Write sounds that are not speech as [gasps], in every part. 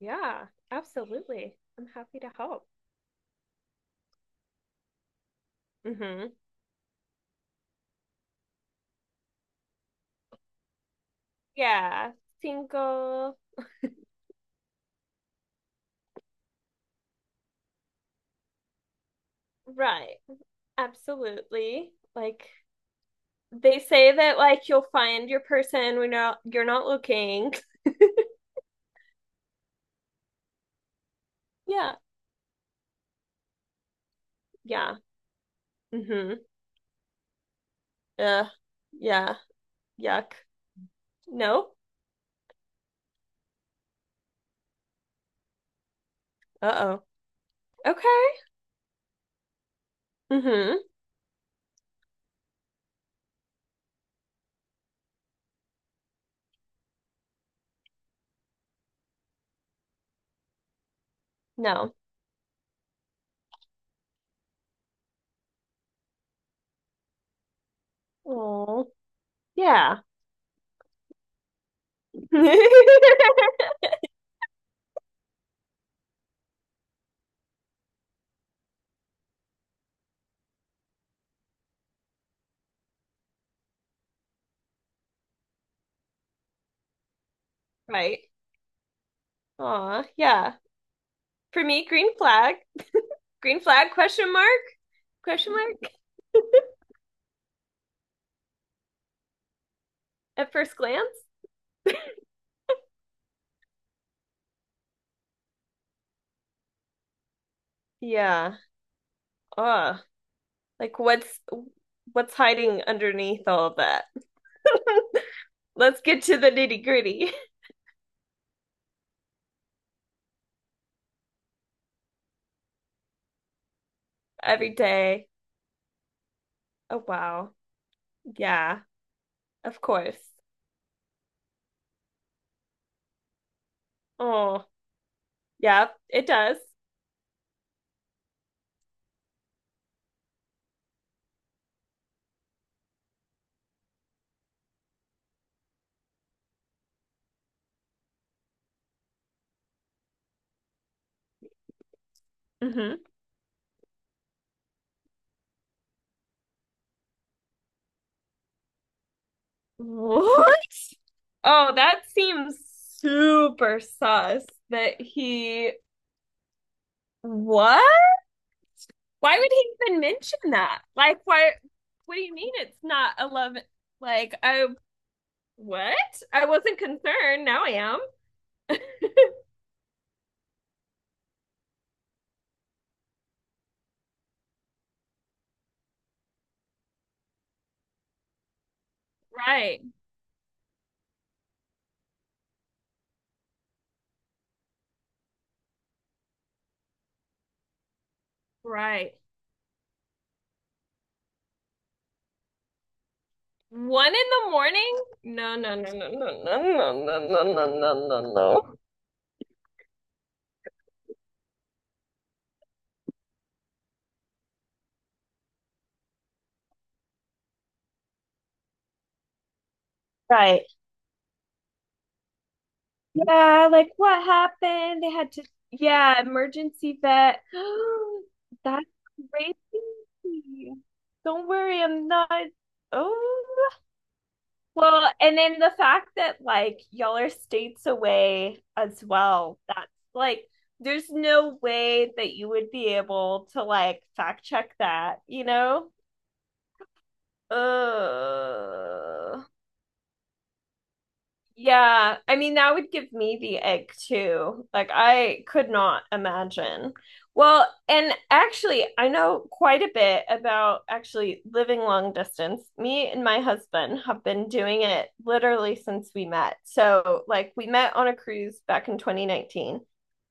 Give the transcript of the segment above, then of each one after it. Yeah, absolutely. I'm happy to help. Hmm. Yeah, single. Right. Absolutely. Like they say that like you'll find your person when you're not looking. [laughs] Yeah. Yeah. Hmm. Yeah. Yeah. Yuck. No. Uh-oh. Okay. Hmm. No. Oh. Yeah. [laughs] Right. Aw, yeah. For me, green flag. Green flag question mark? Question mark at first glance? Yeah. Uh, like what's hiding underneath all of that? [laughs] Let's get to the nitty-gritty. [laughs] Every day. Oh wow. Yeah, of course. Oh, yeah, it does. Hmm. What? Oh, that seems super sus that he what? Why would he even mention that? Like why what do you mean it's not a love, like I what? I wasn't concerned, now I am. Right, right. 1 in the morning? No, no, no, no, no, no, no, no, no, no, no, no, no. Right. Yeah, like what happened? They had to, yeah, emergency vet. [gasps] That's crazy. Don't worry, I'm not. Oh, well, and then the fact that like y'all are states away as well, that's like there's no way that you would be able to like fact check that, you know? Uh, yeah. I mean, that would give me the egg too. Like, I could not imagine. Well, and actually, I know quite a bit about actually living long distance. Me and my husband have been doing it literally since we met. So, like, we met on a cruise back in 2019.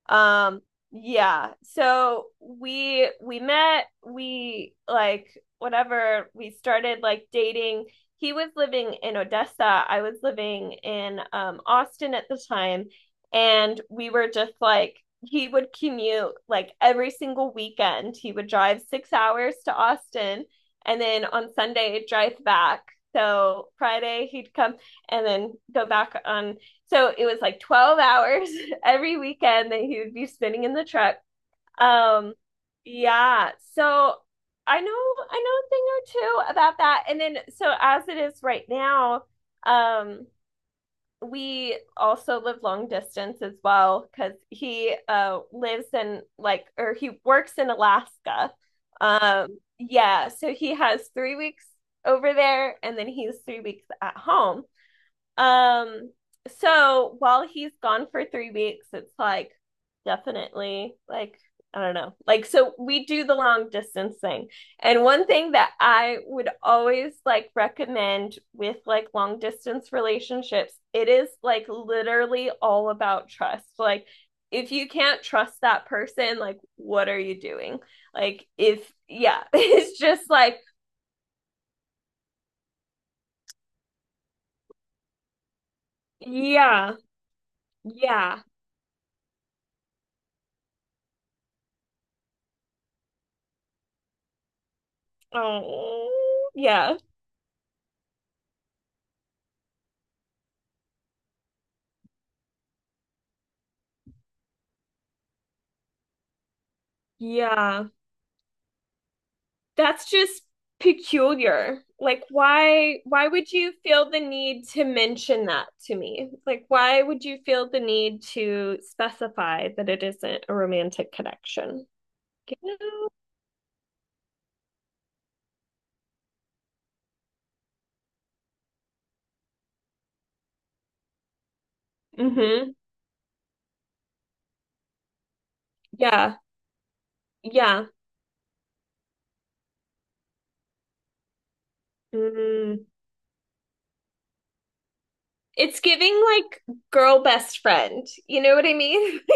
Um, yeah. So we met, we like whatever, we started like dating. He was living in Odessa. I was living in Austin at the time, and we were just like he would commute like every single weekend. He would drive 6 hours to Austin and then on Sunday drive back. So Friday he'd come and then go back on. So it was like 12 hours every weekend that he would be spinning in the truck. Um, yeah. So I know I know a thing or two about that. And then so as it is right now, um, we also live long distance as well because he lives in like or he works in Alaska. Yeah, so he has 3 weeks over there and then he's 3 weeks at home. Um, so while he's gone for 3 weeks, it's like definitely like I don't know. Like, so we do the long distance thing. And one thing that I would always like recommend with like long distance relationships, it is like literally all about trust. Like, if you can't trust that person, like, what are you doing? Like, if, yeah, [laughs] it's just like, yeah, yeah, oh, yeah, yeah. That's just peculiar. Like why would you feel the need to mention that to me? Like why would you feel the need to specify that it isn't a romantic connection? You know? Mm-hmm. Yeah. Yeah. Mm. It's giving like girl best friend. You know what I mean? [laughs]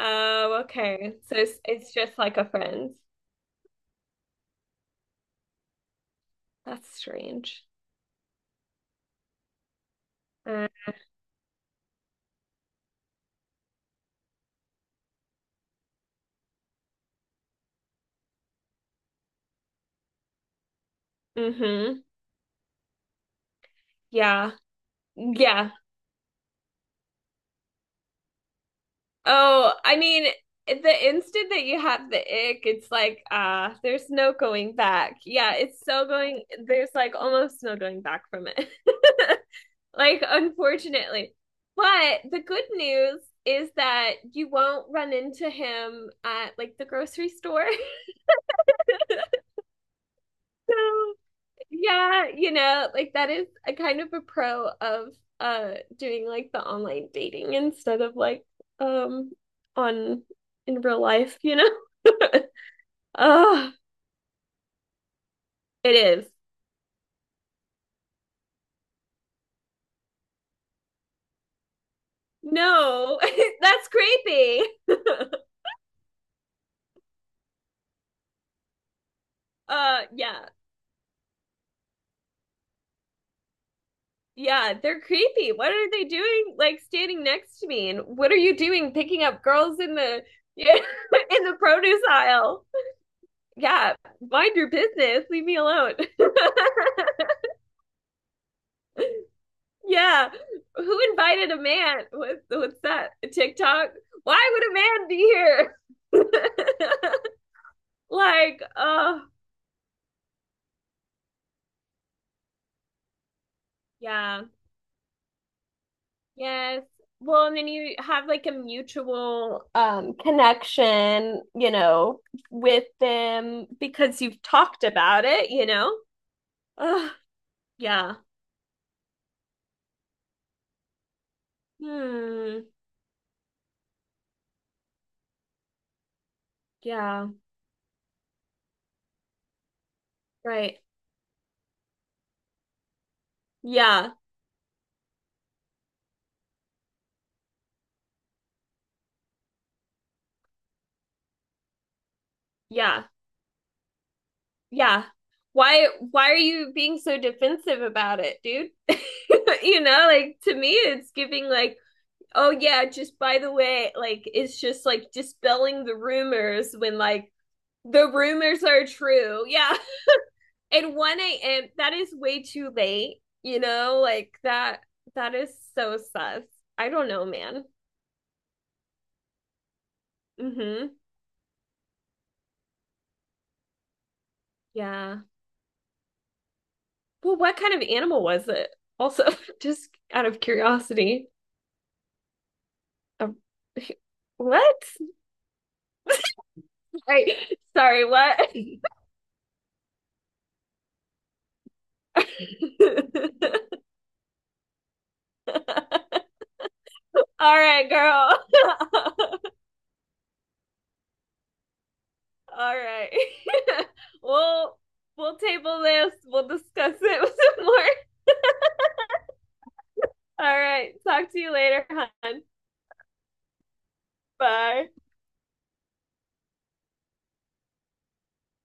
Oh, okay. So it's just like a friend. That's strange. Uh, mm-hmm. Yeah. Yeah. Oh, I mean, the instant that you have the ick, it's like, ah, there's no going back. Yeah, it's so going, there's like almost no going back from it. [laughs] Like, unfortunately. But the good news is that you won't run into him at like the grocery store. [laughs] So, yeah, you know, like that is a kind of a pro of doing like the online dating instead of like um on in real life, you know? [laughs] Oh. It is. No, [laughs] that's creepy. [laughs] Yeah. Yeah, they're creepy. What are they doing like standing next to me? And what are you doing picking up girls in the [laughs] yeah, in the produce aisle? Yeah, mind your business. Leave me alone. [laughs] Yeah. Who invited a man? What, what's that? TikTok? Why would a man be here? [laughs] Like, oh, yeah. Yes. Well, and then you have like a mutual connection, you know, with them because you've talked about it, you know? Ugh, yeah. Hmm. Yeah. Right. Yeah. Yeah. Yeah. Why are you being so defensive about it, dude? [laughs] You know, like to me it's giving like, oh yeah, just by the way, like it's just like dispelling the rumors when like the rumors are true. Yeah. And 1 a.m. that is way too late, you know, like that is so sus. I don't know, man. Mm-hmm. Yeah. Well, what kind of animal was it? Also, [laughs] just out of curiosity. Um, [laughs] what? Sorry, sorry, what? [laughs] All right, girl. [laughs] Alright. Well, [laughs] we'll table this. We'll discuss it [laughs] with some more. All right. Talk to you later, hon. Bye.